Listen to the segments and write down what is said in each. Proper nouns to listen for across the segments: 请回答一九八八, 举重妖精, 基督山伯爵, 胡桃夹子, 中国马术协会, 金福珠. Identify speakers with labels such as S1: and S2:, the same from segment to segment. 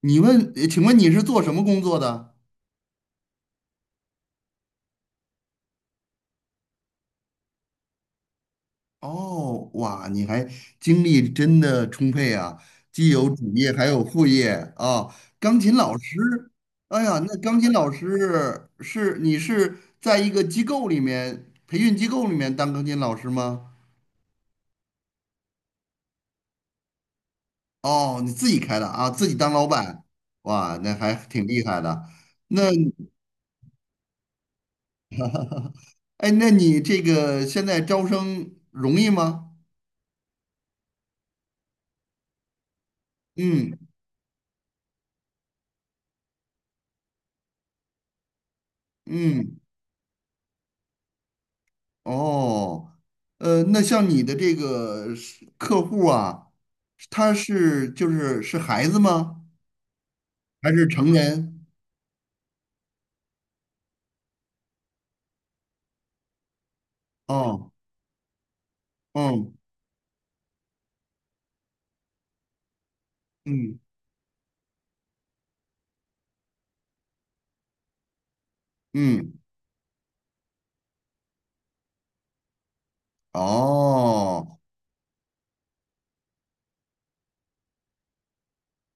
S1: 你问，请问你是做什么工作的？哦，哇，你还精力真的充沛啊，既有主业还有副业啊。钢琴老师，哎呀，那钢琴老师是你是在一个机构里面，培训机构里面当钢琴老师吗？哦，你自己开的啊，自己当老板，哇，那还挺厉害的。那，哎，那你这个现在招生容易吗？嗯嗯。哦，那像你的这个是客户啊，他是就是是孩子吗？还是成人？哦，嗯嗯嗯，哦，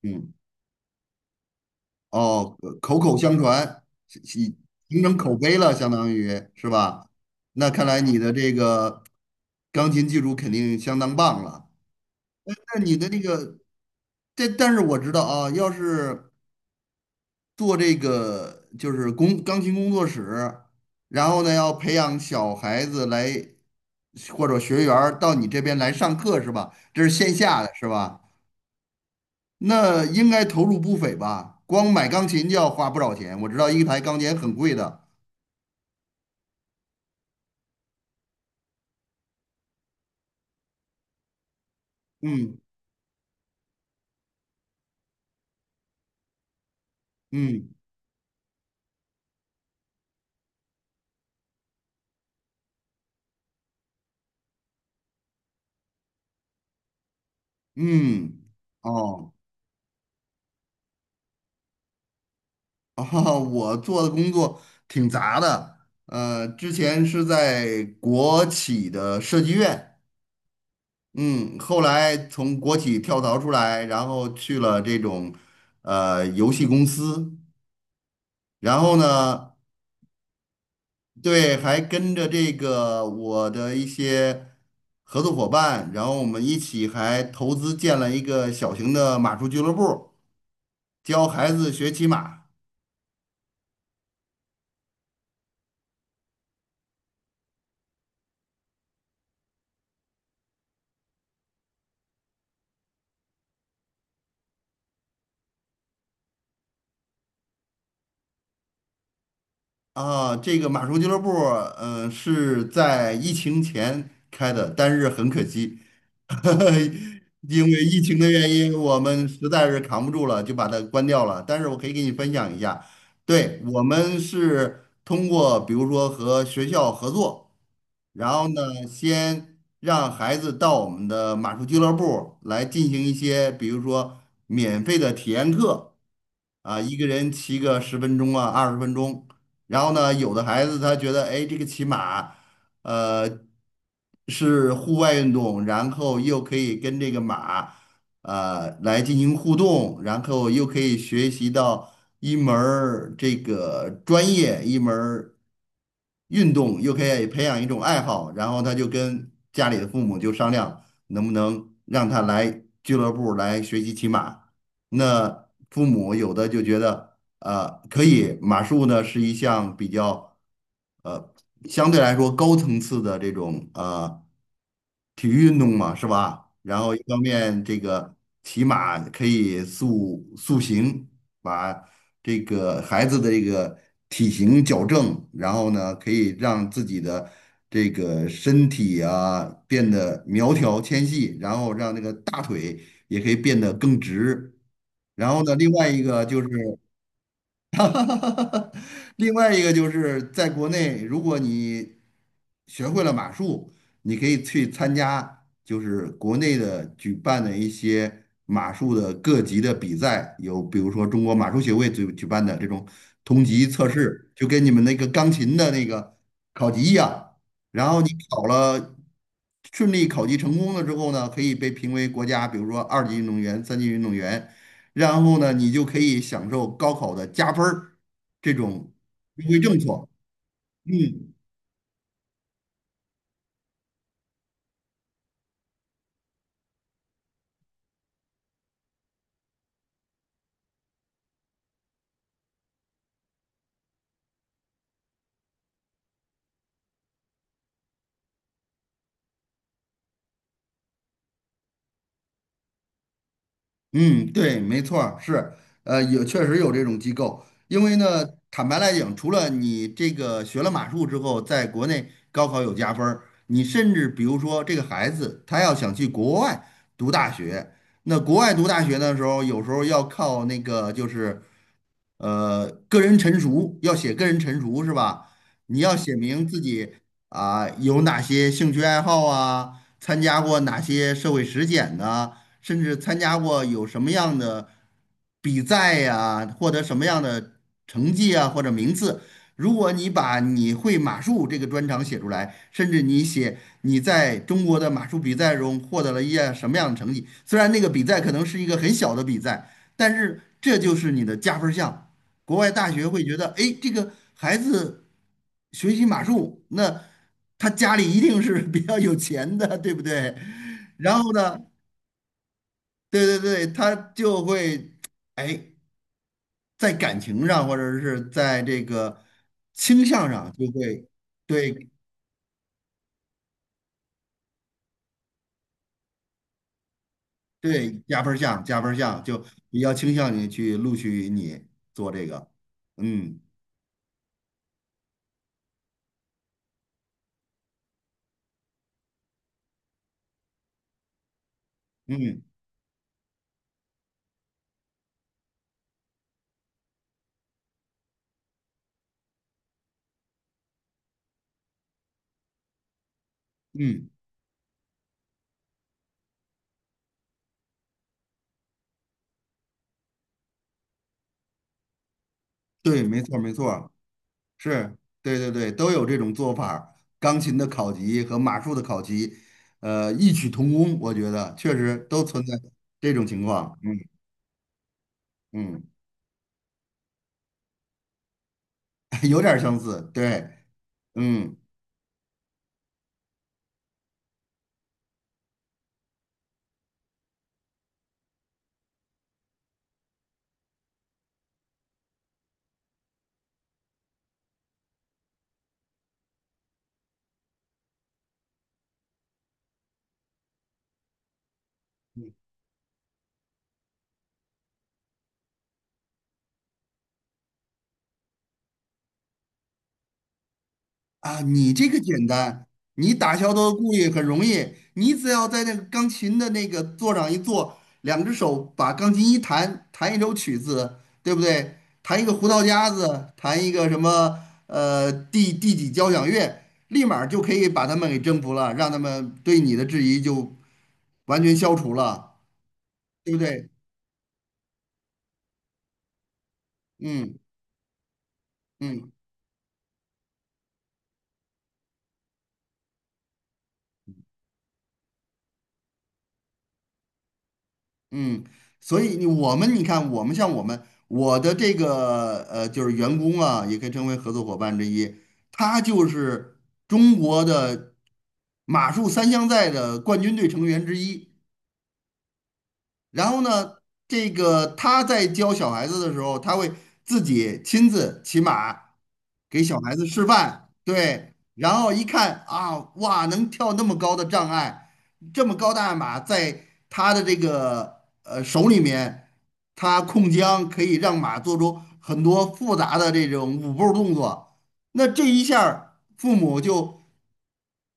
S1: 嗯哦，口口相传，形成口碑了，相当于是吧？那看来你的这个钢琴技术肯定相当棒了。那你的那个，但是我知道啊，要是做这个就是工钢琴工作室，然后呢要培养小孩子来或者学员儿到你这边来上课是吧？这是线下的是吧？那应该投入不菲吧？光买钢琴就要花不少钱，我知道一台钢琴很贵的。嗯嗯嗯，哦，啊，我做的工作挺杂的，之前是在国企的设计院。嗯，后来从国企跳槽出来，然后去了这种游戏公司，然后呢，对，还跟着这个我的一些合作伙伴，然后我们一起还投资建了一个小型的马术俱乐部，教孩子学骑马。啊，这个马术俱乐部，嗯、是在疫情前开的，但是很可惜，因为疫情的原因，我们实在是扛不住了，就把它关掉了。但是我可以给你分享一下，对，我们是通过比如说和学校合作。然后呢，先让孩子到我们的马术俱乐部来进行一些，比如说免费的体验课啊，一个人骑个十分钟啊，20分钟。然后呢，有的孩子他觉得，哎，这个骑马，呃，是户外运动，然后又可以跟这个马。来进行互动，然后又可以学习到一门儿这个专业，一门儿运动，又可以培养一种爱好，然后他就跟家里的父母就商量，能不能让他来俱乐部儿来学习骑马。那父母有的就觉得，可以，马术呢是一项比较，呃，相对来说高层次的这种体育运动嘛，是吧？然后一方面这个骑马可以塑形，把这个孩子的这个体型矫正，然后呢，可以让自己的这个身体啊变得苗条纤细，然后让那个大腿也可以变得更直。然后呢，另外一个就是。另外一个就是在国内，如果你学会了马术，你可以去参加就是国内的举办的一些马术的各级的比赛，有比如说中国马术协会举办的这种同级测试，就跟你们那个钢琴的那个考级一样。然后你考了，顺利考级成功了之后呢，可以被评为国家，比如说二级运动员、三级运动员。然后呢，你就可以享受高考的加分儿这种优惠政策。嗯，嗯，对，没错儿，是，有确实有这种机构，因为呢，坦白来讲，除了你这个学了马术之后，在国内高考有加分儿，你甚至比如说这个孩子他要想去国外读大学，那国外读大学的时候，有时候要靠那个就是个人陈述，要写个人陈述是吧？你要写明自己啊、有哪些兴趣爱好啊，参加过哪些社会实践呢？甚至参加过有什么样的比赛呀，获得什么样的成绩啊，或者名次。如果你把你会马术这个专长写出来，甚至你写你在中国的马术比赛中获得了一些什么样的成绩，虽然那个比赛可能是一个很小的比赛，但是这就是你的加分项。国外大学会觉得，哎，这个孩子学习马术，那他家里一定是比较有钱的，对不对？然后呢，对对对，他就会，哎，在感情上或者是在这个倾向上，就会对对加分儿项加分儿项，就比较倾向于去录取你做这个。嗯嗯嗯，对，没错儿没错儿，是，对对对，都有这种做法儿钢琴的考级和马术的考级，异曲同工，我觉得确实都存在这种情况。嗯嗯，有点儿相似，对，嗯。啊，你这个简单，你打消他的顾虑很容易，你只要在那个钢琴的那个座上一坐，两只手把钢琴一弹，弹一首曲子，对不对？弹一个胡桃夹子，弹一个什么第几交响乐，立马儿就可以把他们给征服了，让他们对你的质疑就完全消除了，对不对？嗯嗯。嗯，所以你我们你看，我们像我的这个就是员工啊，也可以称为合作伙伴之一，他就是中国的马术三项赛的冠军队成员之一。然后呢，这个他在教小孩子的时候，他会自己亲自骑马，给小孩子示范。对，然后一看啊，哇，能跳那么高的障碍，这么高大的马，在他的这个手里面，他控缰可以让马做出很多复杂的这种舞步动作。那这一下儿父母就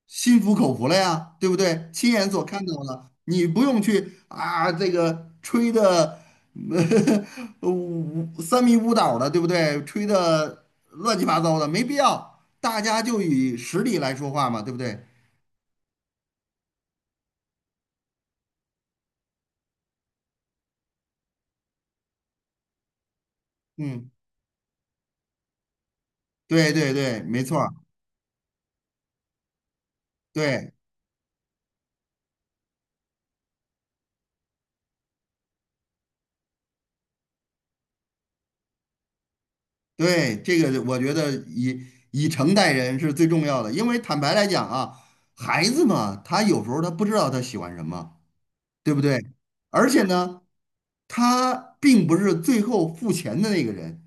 S1: 心服口服了呀，对不对？亲眼所看到了，你不用去啊，这个吹的 五三迷五倒的，对不对？吹的乱七八糟的，没必要。大家就以实力来说话嘛，对不对？嗯，对对对，没错儿对对，这个我觉得以以诚待人是最重要的，因为坦白来讲啊，孩子嘛，他有时候他不知道他喜欢什么。对不对？而且呢，他并不是最后付钱的那个人，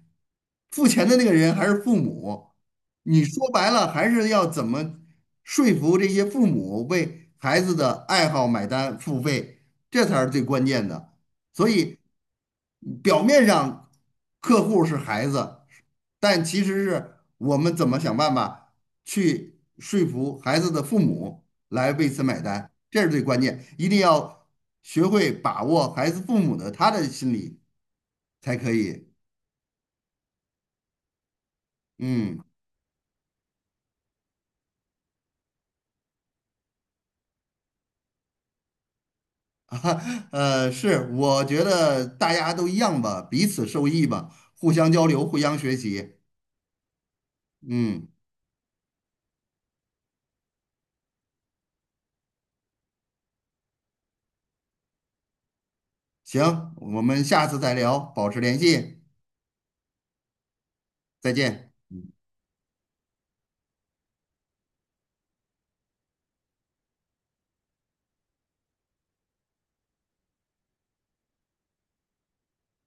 S1: 付钱的那个人还是父母，你说白了还是要怎么说服这些父母为孩子的爱好买单付费，这才是最关键的。所以表面上客户是孩子，但其实是我们怎么想办法去说服孩子的父母来为此买单，这是最关键，一定要学会把握孩子父母的他的心理才可以。嗯。是，我觉得大家都一样吧，彼此受益吧，互相交流，互相学习。嗯，行，我们下次再聊，保持联系，再见。